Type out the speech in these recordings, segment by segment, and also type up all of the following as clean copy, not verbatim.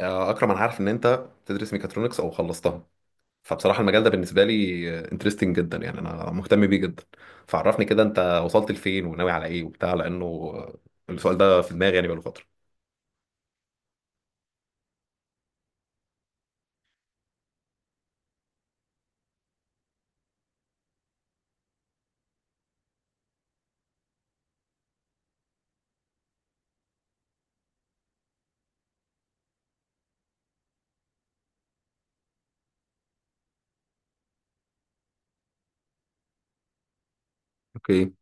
اكرم، انا عارف ان انت بتدرس ميكاترونكس او خلصتها. فبصراحه المجال ده بالنسبه لي انترستنج جدا، يعني انا مهتم بيه جدا. فعرفني كده، انت وصلت لفين وناوي على ايه وبتاع، لانه السؤال ده في دماغي يعني بقاله فتره. اوكي.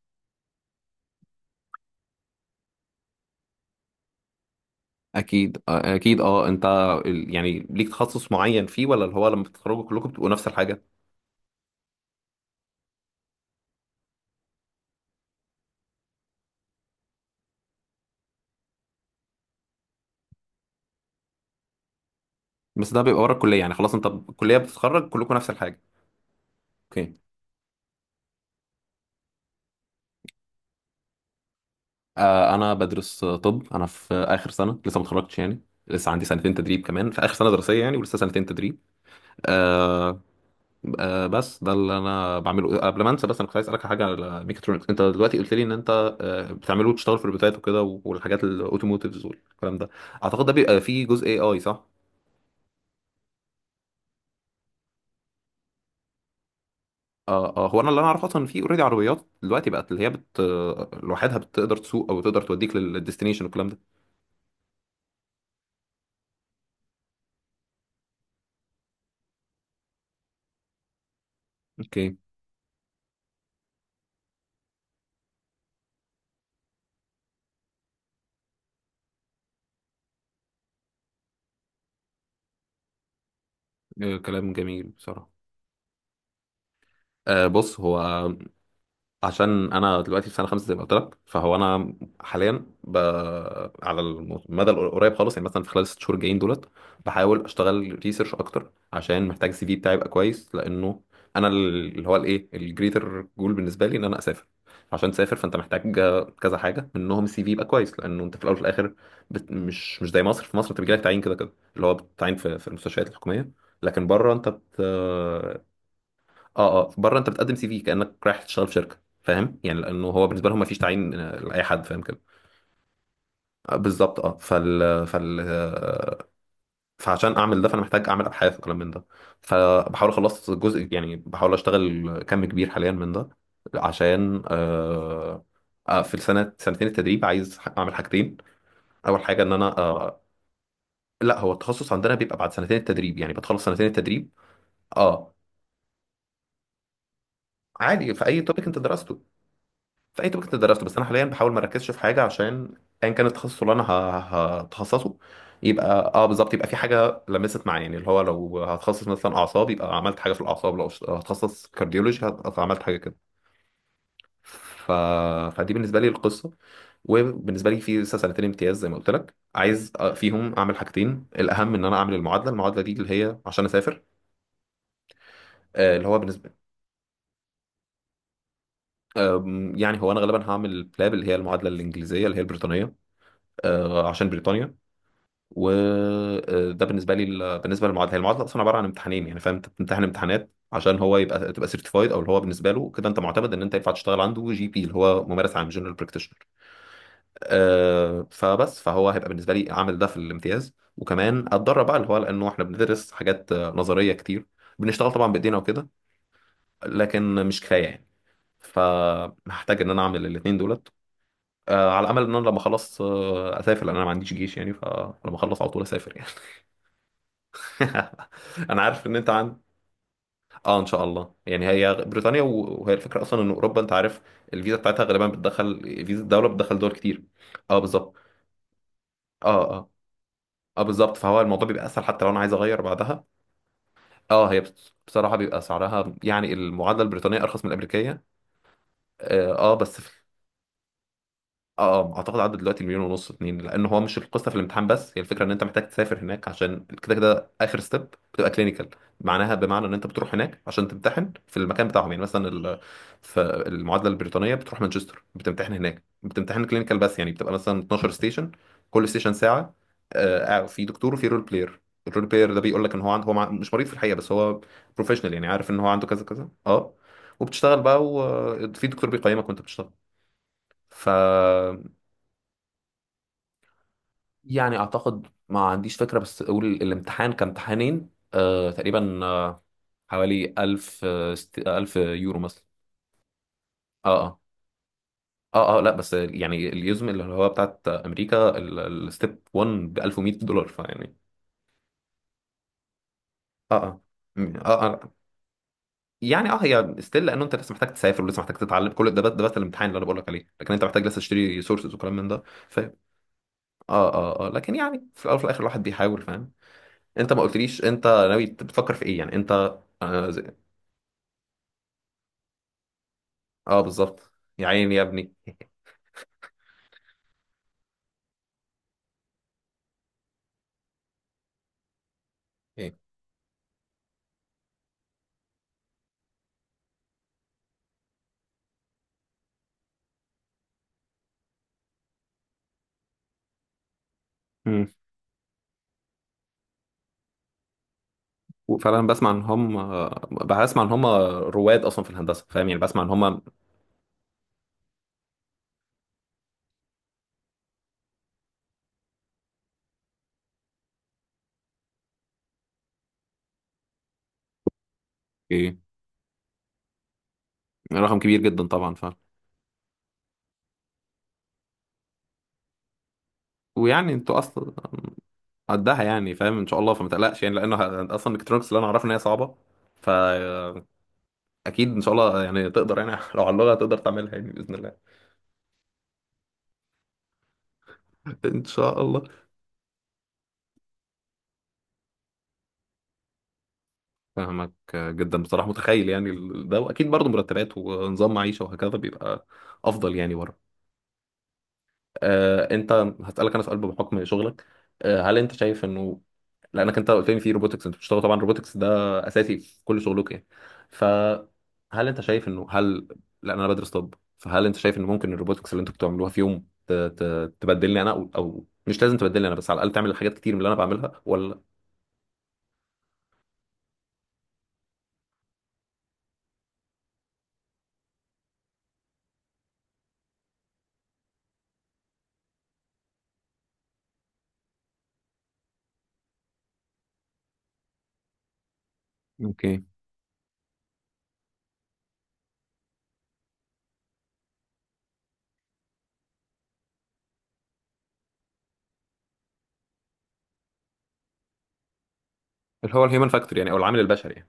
اكيد انت يعني ليك تخصص معين فيه ولا اللي هو لما بتتخرجوا كلكم بتبقوا نفس الحاجه؟ بس ده بيبقى ورا الكليه، يعني خلاص انت الكليه بتتخرج كلكم نفس الحاجه. اوكي. انا بدرس. طب انا في اخر سنه، لسه ما اتخرجتش يعني، لسه عندي سنتين تدريب كمان، في اخر سنه دراسيه يعني، ولسه سنتين تدريب. آه. بس ده اللي انا بعمله قبل ما انسى. بس انا كنت عايز اسالك على حاجه، على ميكاترونكس. انت دلوقتي قلت لي ان انت بتعمله وتشتغل في الروبوتات وكده، والحاجات الاوتوموتيفز والكلام ده. اعتقد ده بيبقى فيه جزء AI، صح؟ آه. هو انا اللي انا اعرفه اصلا، في اوريدي عربيات دلوقتي بقت، اللي هي بت آه، لوحدها بتقدر تسوق، او تقدر توديك للديستنيشن والكلام ده. اوكي. كلام جميل بصراحه. بص، هو عشان انا دلوقتي في سنه خمسه زي ما قلت لك، فهو انا حاليا على المدى القريب خالص، يعني مثلا في خلال الست شهور الجايين دولت، بحاول اشتغل ريسيرش اكتر، عشان محتاج السي في بتاعي يبقى كويس، لانه انا اللي هو الايه، الجريتر جول بالنسبه لي ان انا اسافر. عشان تسافر فانت محتاج كذا حاجه، منهم السي في يبقى كويس، لانه انت في الاول وفي الاخر مش زي مصر. في مصر بتجي لك تعيين كده كده، اللي هو بتعين في المستشفيات الحكوميه، لكن بره انت اه اه، بره انت بتقدم سي في كانك رايح تشتغل في شركه، فاهم يعني؟ لانه هو بالنسبه لهم ما فيش تعيين لاي حد، فاهم كده؟ بالظبط. اه فال فعشان اعمل ده، فانا محتاج اعمل ابحاث وكلام من ده. فبحاول اخلص جزء، يعني بحاول اشتغل كم كبير حاليا من ده، عشان في السنه سنتين التدريب عايز اعمل حاجتين. اول حاجه ان انا لا، هو التخصص عندنا بيبقى بعد سنتين التدريب، يعني بتخلص سنتين التدريب. اه عادي، في اي توبيك انت درسته. في اي توبيك انت درسته، بس انا حاليا بحاول ما اركزش في حاجه، عشان ايا كان التخصص اللي انا هتخصصه، يبقى اه بالظبط، يبقى في حاجه لمست معايا. يعني اللي هو لو هتخصص مثلا اعصاب، يبقى عملت حاجه في الاعصاب، لو هتخصص كارديولوجي عملت حاجه كده. ف... فدي بالنسبه لي القصه. وبالنسبه لي في لسه سنتين امتياز زي ما قلت لك، عايز فيهم اعمل حاجتين. الاهم ان انا اعمل المعادله دي اللي هي عشان اسافر. اللي هو بالنسبه يعني هو انا غالبا هعمل بلاب، اللي هي المعادله الانجليزيه اللي هي البريطانيه. عشان بريطانيا. وده بالنسبه لي، بالنسبه للمعادله، هي المعادله اصلا عباره عن امتحانين. يعني فاهم، انت بتمتحن امتحانات عشان هو تبقى سيرتيفايد، او اللي هو بالنسبه له كده انت معتمد ان انت ينفع تشتغل عنده GP، اللي هو ممارس عام، جنرال براكتيشنر. فبس، فهو هيبقى بالنسبه لي عامل ده في الامتياز، وكمان اتدرب بقى، اللي هو لانه احنا بندرس حاجات نظريه كتير. بنشتغل طبعا بايدينا وكده، لكن مش كفايه يعني. فهحتاج ان انا اعمل الاثنين دولت، على امل ان انا لما اخلص اسافر، لان انا ما عنديش جيش يعني، فلما اخلص على طول اسافر يعني. انا عارف ان انت عن، اه، ان شاء الله يعني. هي بريطانيا وهي الفكره اصلا ان اوروبا، انت عارف الفيزا بتاعتها غالبا بتدخل، فيزا الدوله بتدخل دول كتير. اه بالظبط. اه اه اه بالظبط، فهو الموضوع بيبقى اسهل حتى لو انا عايز اغير بعدها. اه، هي بصراحه بيبقى سعرها، يعني المعادله البريطانيه ارخص من الامريكيه. اه بس اه، اعتقد عدى دلوقتي المليون ونص، اتنين، لان هو مش القصه في الامتحان، بس هي الفكره ان انت محتاج تسافر هناك، عشان كده كده اخر ستيب بتبقى كلينيكال، معناها بمعنى ان انت بتروح هناك عشان تمتحن في المكان بتاعهم. يعني مثلا في المعادله البريطانيه بتروح مانشستر، بتمتحن هناك، بتمتحن كلينيكال بس، يعني بتبقى مثلا 12 ستيشن، كل ستيشن ساعه. في دكتور وفي رول بلاير. الرول بلاير ده بيقول لك ان هو عنده، هو مش مريض في الحقيقه، بس هو بروفيشنال، يعني عارف ان هو عنده كذا كذا. اه. وبتشتغل بقى وفي دكتور بيقيمك وانت بتشتغل. ف يعني اعتقد ما عنديش فكره، بس اقول الامتحان كان امتحانين تقريبا حوالي 1000 يورو مثلا. اه اه اه اه، لا بس يعني اليزم اللي هو بتاعت امريكا، الستيب 1 ب $1100، فيعني اه اه. اه اه، يعني اه، هي ستيل، لانه انت لسه محتاج تسافر ولسه محتاج تتعلم كل ده، بس ده بس الامتحان اللي انا بقول لك عليه، لكن انت محتاج لسه تشتري سورسز وكلام من ده. فاهم. اه اه اه، لكن يعني في الاول وفي الاخر الواحد بيحاول، فاهم. انت ما قلتليش انت ناوي، بتفكر في ايه يعني انت؟ آه، اه بالظبط. يا عيني يا ابني. ايه. مم. وفعلا بسمع ان هم، بسمع ان هم رواد اصلا في الهندسه، فاهم يعني، بسمع ان هم. ايه، رقم كبير جدا طبعا، فاهم. ويعني انتوا اصلا قدها يعني، فاهم، ان شاء الله، فما تقلقش يعني، لان اصلا الكترونكس اللي انا اعرفه ان هي صعبه، فاكيد ان شاء الله يعني تقدر يعني. لو على اللغه تقدر تعملها يعني باذن الله. ان شاء الله. فاهمك جدا بصراحه، متخيل يعني، ده، واكيد برضه مرتبات ونظام معيشه وهكذا بيبقى افضل يعني بره. انت، هسألك انا سؤال بحكم شغلك. هل انت شايف انه، لانك انت قلت لي في روبوتكس، انت بتشتغل طبعا روبوتكس ده اساسي في كل شغلك يعني. فهل انت شايف انه لان انا بدرس طب، فهل انت شايف انه ممكن الروبوتكس اللي انتوا بتعملوها في يوم تبدلني انا، او او مش لازم تبدلني انا، بس على الاقل تعمل حاجات كتير من اللي انا بعملها، ولا؟ اوكي، اللي هو الهيومن فاكتور يعني، او العامل البشري يعني.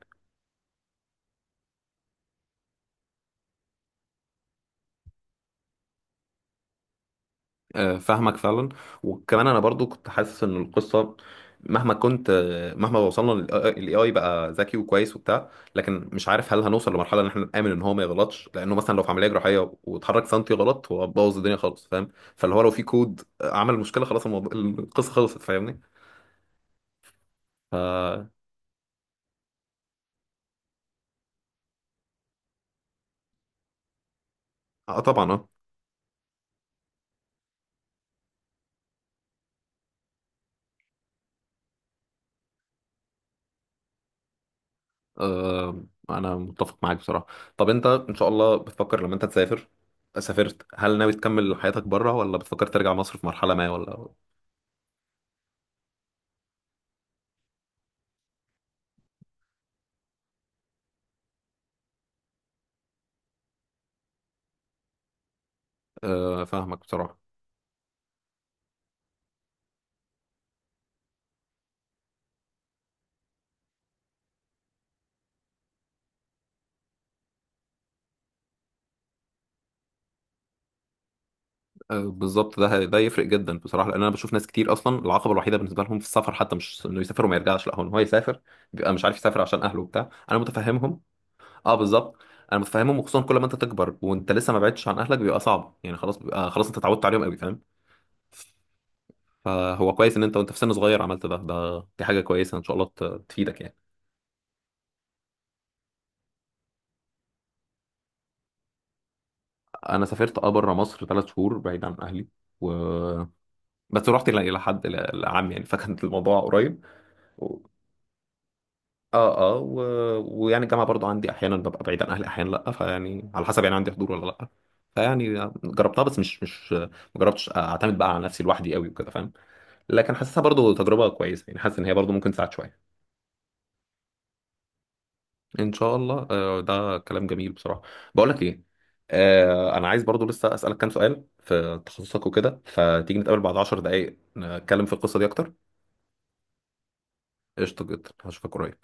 فاهمك فعلا. وكمان انا برضو كنت حاسس ان القصه، مهما كنت آه، مهما وصلنا للاي اي بقى ذكي وكويس وبتاع، لكن مش عارف هل هنوصل لمرحله ان احنا نامن ان هو ما يغلطش، لانه مثلا لو في عمليه جراحيه واتحرك سنتي غلط هو بوظ الدنيا خالص، فاهم؟ فاللي هو لو في كود عمل مشكله، خلاص الموضوع القصه خلصت، فاهمني. اه، طبعا اه. آه، انا متفق معاك بصراحه. طب انت ان شاء الله بتفكر لما انت تسافر، سافرت، هل ناوي تكمل حياتك بره، ولا بتفكر ترجع مصر في مرحله ما، ولا؟ فاهمك بصراحة. بالظبط، ده يفرق جدا بصراحة، لأن أنا بشوف ناس كتير أصلا العقبة الوحيدة بالنسبة لهم في السفر حتى مش إنه يسافر وما يرجعش، لا، هو إن هو يسافر بيبقى مش عارف يسافر عشان أهله وبتاع، أنا متفهمهم. أه بالظبط. أنا متفهمهم، وخصوصا كل ما أنت تكبر وأنت لسه ما بعدتش عن أهلك بيبقى صعب، يعني خلاص بيبقى خلاص أنت اتعودت عليهم قوي، فاهم. فهو كويس إن أنت وأنت في سن صغير عملت ده ده دي حاجة كويسة، إن شاء الله تفيدك يعني. أنا سافرت بره مصر 3 شهور بعيد عن أهلي، و بس رحت إلى حد إلى عم يعني، فكان الموضوع قريب. اه اه ويعني الجامعه برضو عندي احيانا ببقى بعيد عن اهلي، احيانا لا، فيعني على حسب يعني، عندي حضور ولا لا. فيعني جربتها، بس مش ما جربتش اعتمد بقى على نفسي لوحدي قوي وكده، فاهم. لكن حاسسها برضو تجربه كويسه يعني، حاسس ان هي برضو ممكن تساعد شويه. ان شاء الله. ده كلام جميل بصراحه. بقول لك ايه، انا عايز برضو لسه اسالك كام سؤال في تخصصك وكده، فتيجي نتقابل بعد 10 دقائق نتكلم في القصه دي اكتر. قشطه جدا، هشوفك قريب.